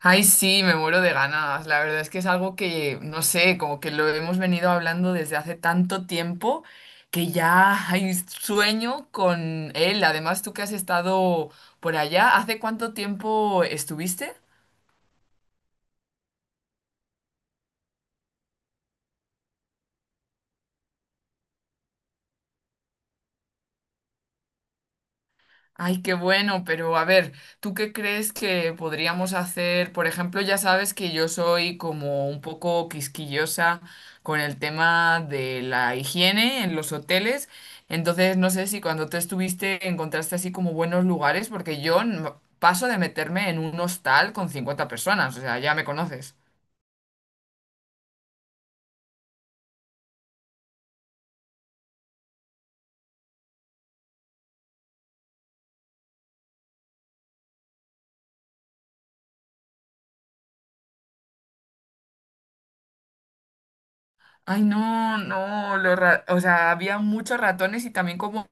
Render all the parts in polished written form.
Ay, sí, me muero de ganas. La verdad es que es algo que, no sé, como que lo hemos venido hablando desde hace tanto tiempo que ya hay sueño con él. Además, tú que has estado por allá, ¿hace cuánto tiempo estuviste? Ay, qué bueno, pero a ver, ¿tú qué crees que podríamos hacer? Por ejemplo, ya sabes que yo soy como un poco quisquillosa con el tema de la higiene en los hoteles, entonces no sé si cuando tú estuviste encontraste así como buenos lugares, porque yo no- paso de meterme en un hostal con 50 personas, o sea, ya me conoces. Ay, no, no, o sea, había muchos ratones y también como...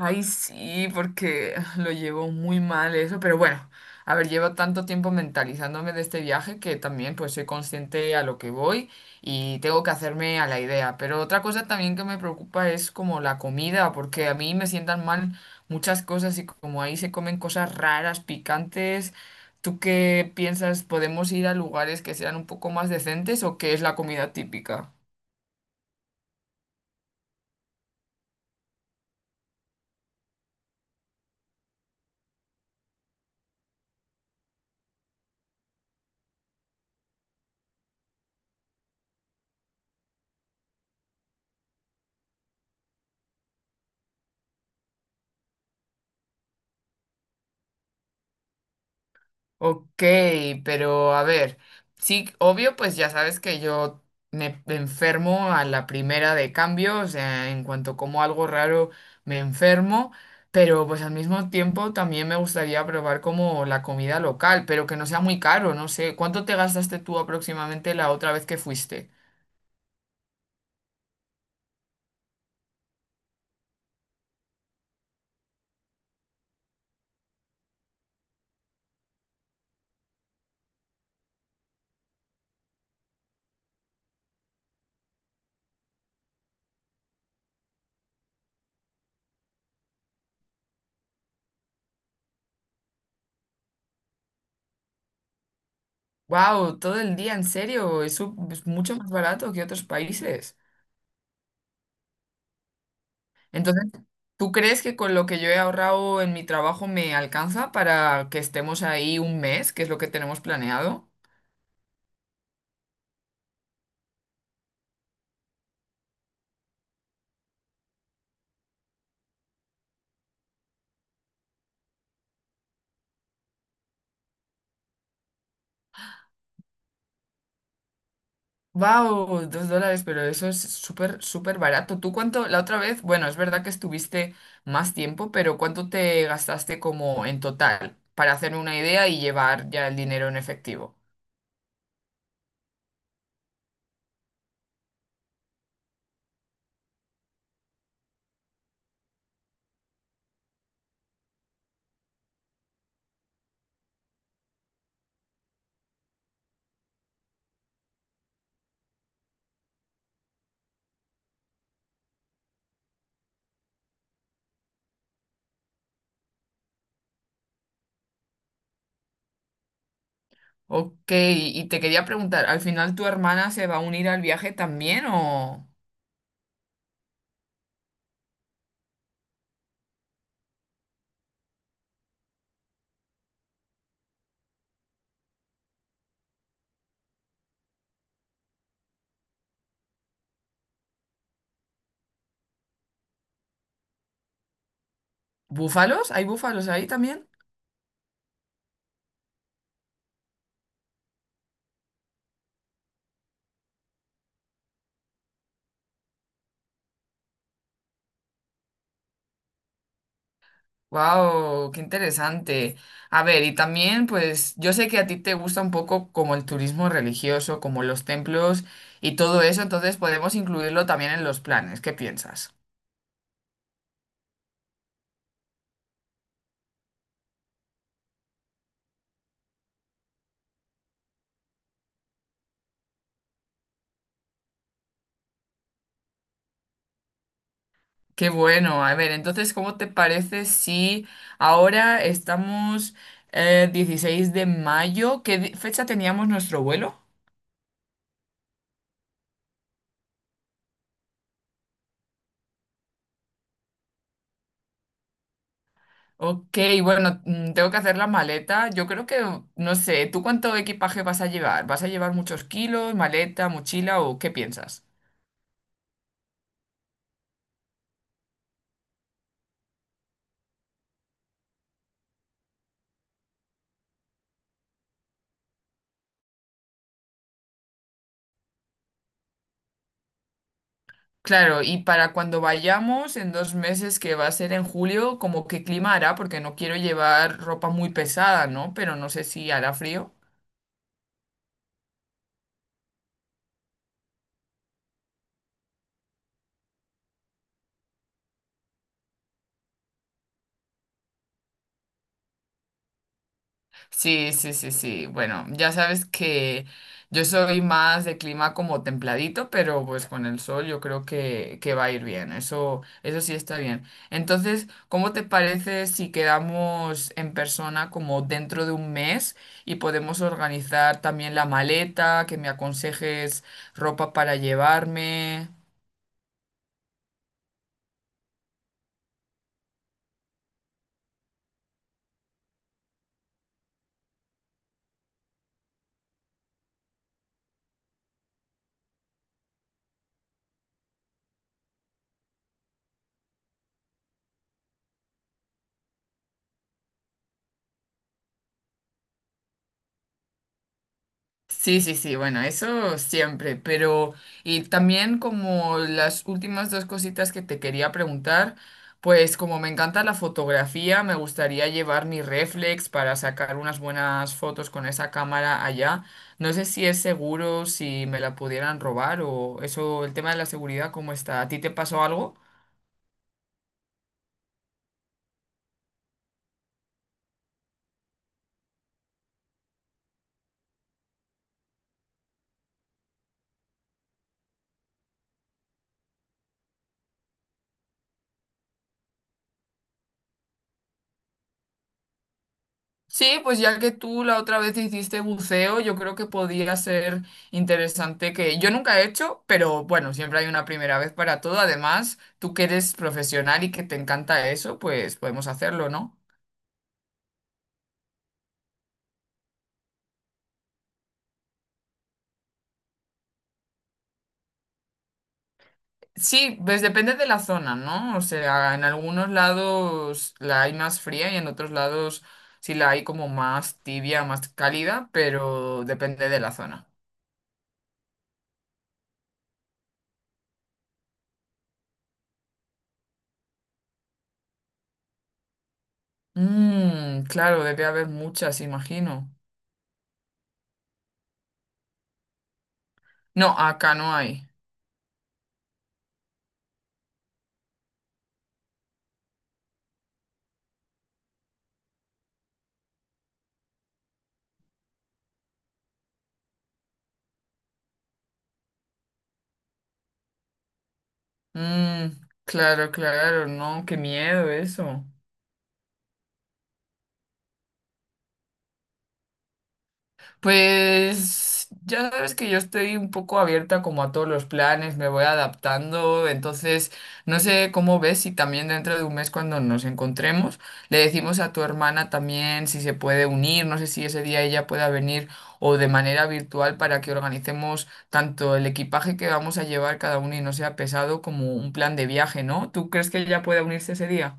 Ay, sí, porque lo llevo muy mal eso, pero bueno, a ver, llevo tanto tiempo mentalizándome de este viaje que también pues soy consciente a lo que voy y tengo que hacerme a la idea. Pero otra cosa también que me preocupa es como la comida, porque a mí me sientan mal muchas cosas y como ahí se comen cosas raras, picantes. ¿Tú qué piensas? ¿Podemos ir a lugares que sean un poco más decentes o qué es la comida típica? Ok, pero a ver, sí, obvio, pues ya sabes que yo me enfermo a la primera de cambio, o sea, en cuanto como algo raro me enfermo, pero pues al mismo tiempo también me gustaría probar como la comida local, pero que no sea muy caro, no sé, ¿cuánto te gastaste tú aproximadamente la otra vez que fuiste? Wow, todo el día, en serio, eso es mucho más barato que otros países. Entonces, ¿tú crees que con lo que yo he ahorrado en mi trabajo me alcanza para que estemos ahí un mes, que es lo que tenemos planeado? ¡Wow! 2 dólares, pero eso es súper, súper barato. ¿Tú cuánto? La otra vez, bueno, es verdad que estuviste más tiempo, pero ¿cuánto te gastaste como en total para hacerme una idea y llevar ya el dinero en efectivo? Ok, y te quería preguntar, ¿al final tu hermana se va a unir al viaje también o...? ¿Búfalos? ¿Hay búfalos ahí también? Wow, qué interesante. A ver, y también, pues, yo sé que a ti te gusta un poco como el turismo religioso, como los templos y todo eso, entonces podemos incluirlo también en los planes. ¿Qué piensas? Qué bueno. A ver, entonces, ¿cómo te parece si ahora estamos 16 de mayo? ¿Qué fecha teníamos nuestro vuelo? Ok, bueno, tengo que hacer la maleta. Yo creo que, no sé, ¿tú cuánto equipaje vas a llevar? ¿Vas a llevar muchos kilos, maleta, mochila o qué piensas? Claro, y para cuando vayamos en 2 meses, que va a ser en julio, como qué clima hará, porque no quiero llevar ropa muy pesada, ¿no? Pero no sé si hará frío. Sí, sí, sí, sí. Bueno, ya sabes que yo soy más de clima como templadito, pero pues con el sol yo creo que va a ir bien. Eso sí está bien. Entonces, ¿cómo te parece si quedamos en persona como dentro de un mes y podemos organizar también la maleta, que me aconsejes ropa para llevarme? Sí, sí, sí, bueno, eso siempre, pero y también como las últimas dos cositas que te quería preguntar, pues como me encanta la fotografía, me gustaría llevar mi réflex para sacar unas buenas fotos con esa cámara allá. No sé si es seguro, si me la pudieran robar o eso, el tema de la seguridad, ¿cómo está? ¿A ti te pasó algo? Sí, pues ya que tú la otra vez hiciste buceo, yo creo que podría ser interesante que yo nunca he hecho, pero bueno, siempre hay una primera vez para todo. Además, tú que eres profesional y que te encanta eso, pues podemos hacerlo, ¿no? Sí, pues depende de la zona, ¿no? O sea, en algunos lados la hay más fría y en otros lados sí la hay como más tibia, más cálida, pero depende de la zona. Mm, claro, debe haber muchas, imagino. No, acá no hay. Mm, claro, claro, no, qué miedo eso. Pues ya sabes que yo estoy un poco abierta como a todos los planes, me voy adaptando, entonces no sé cómo ves si también dentro de un mes cuando nos encontremos le decimos a tu hermana también si se puede unir, no sé si ese día ella pueda venir o de manera virtual para que organicemos tanto el equipaje que vamos a llevar cada uno y no sea pesado como un plan de viaje, ¿no? ¿Tú crees que ella pueda unirse ese día?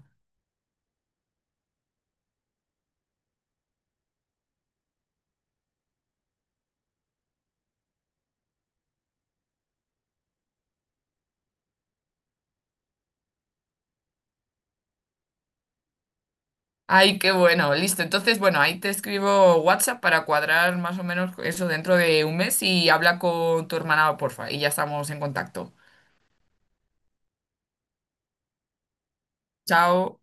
Ay, qué bueno, listo. Entonces, bueno, ahí te escribo WhatsApp para cuadrar más o menos eso dentro de un mes y habla con tu hermana, porfa, y ya estamos en contacto. Chao.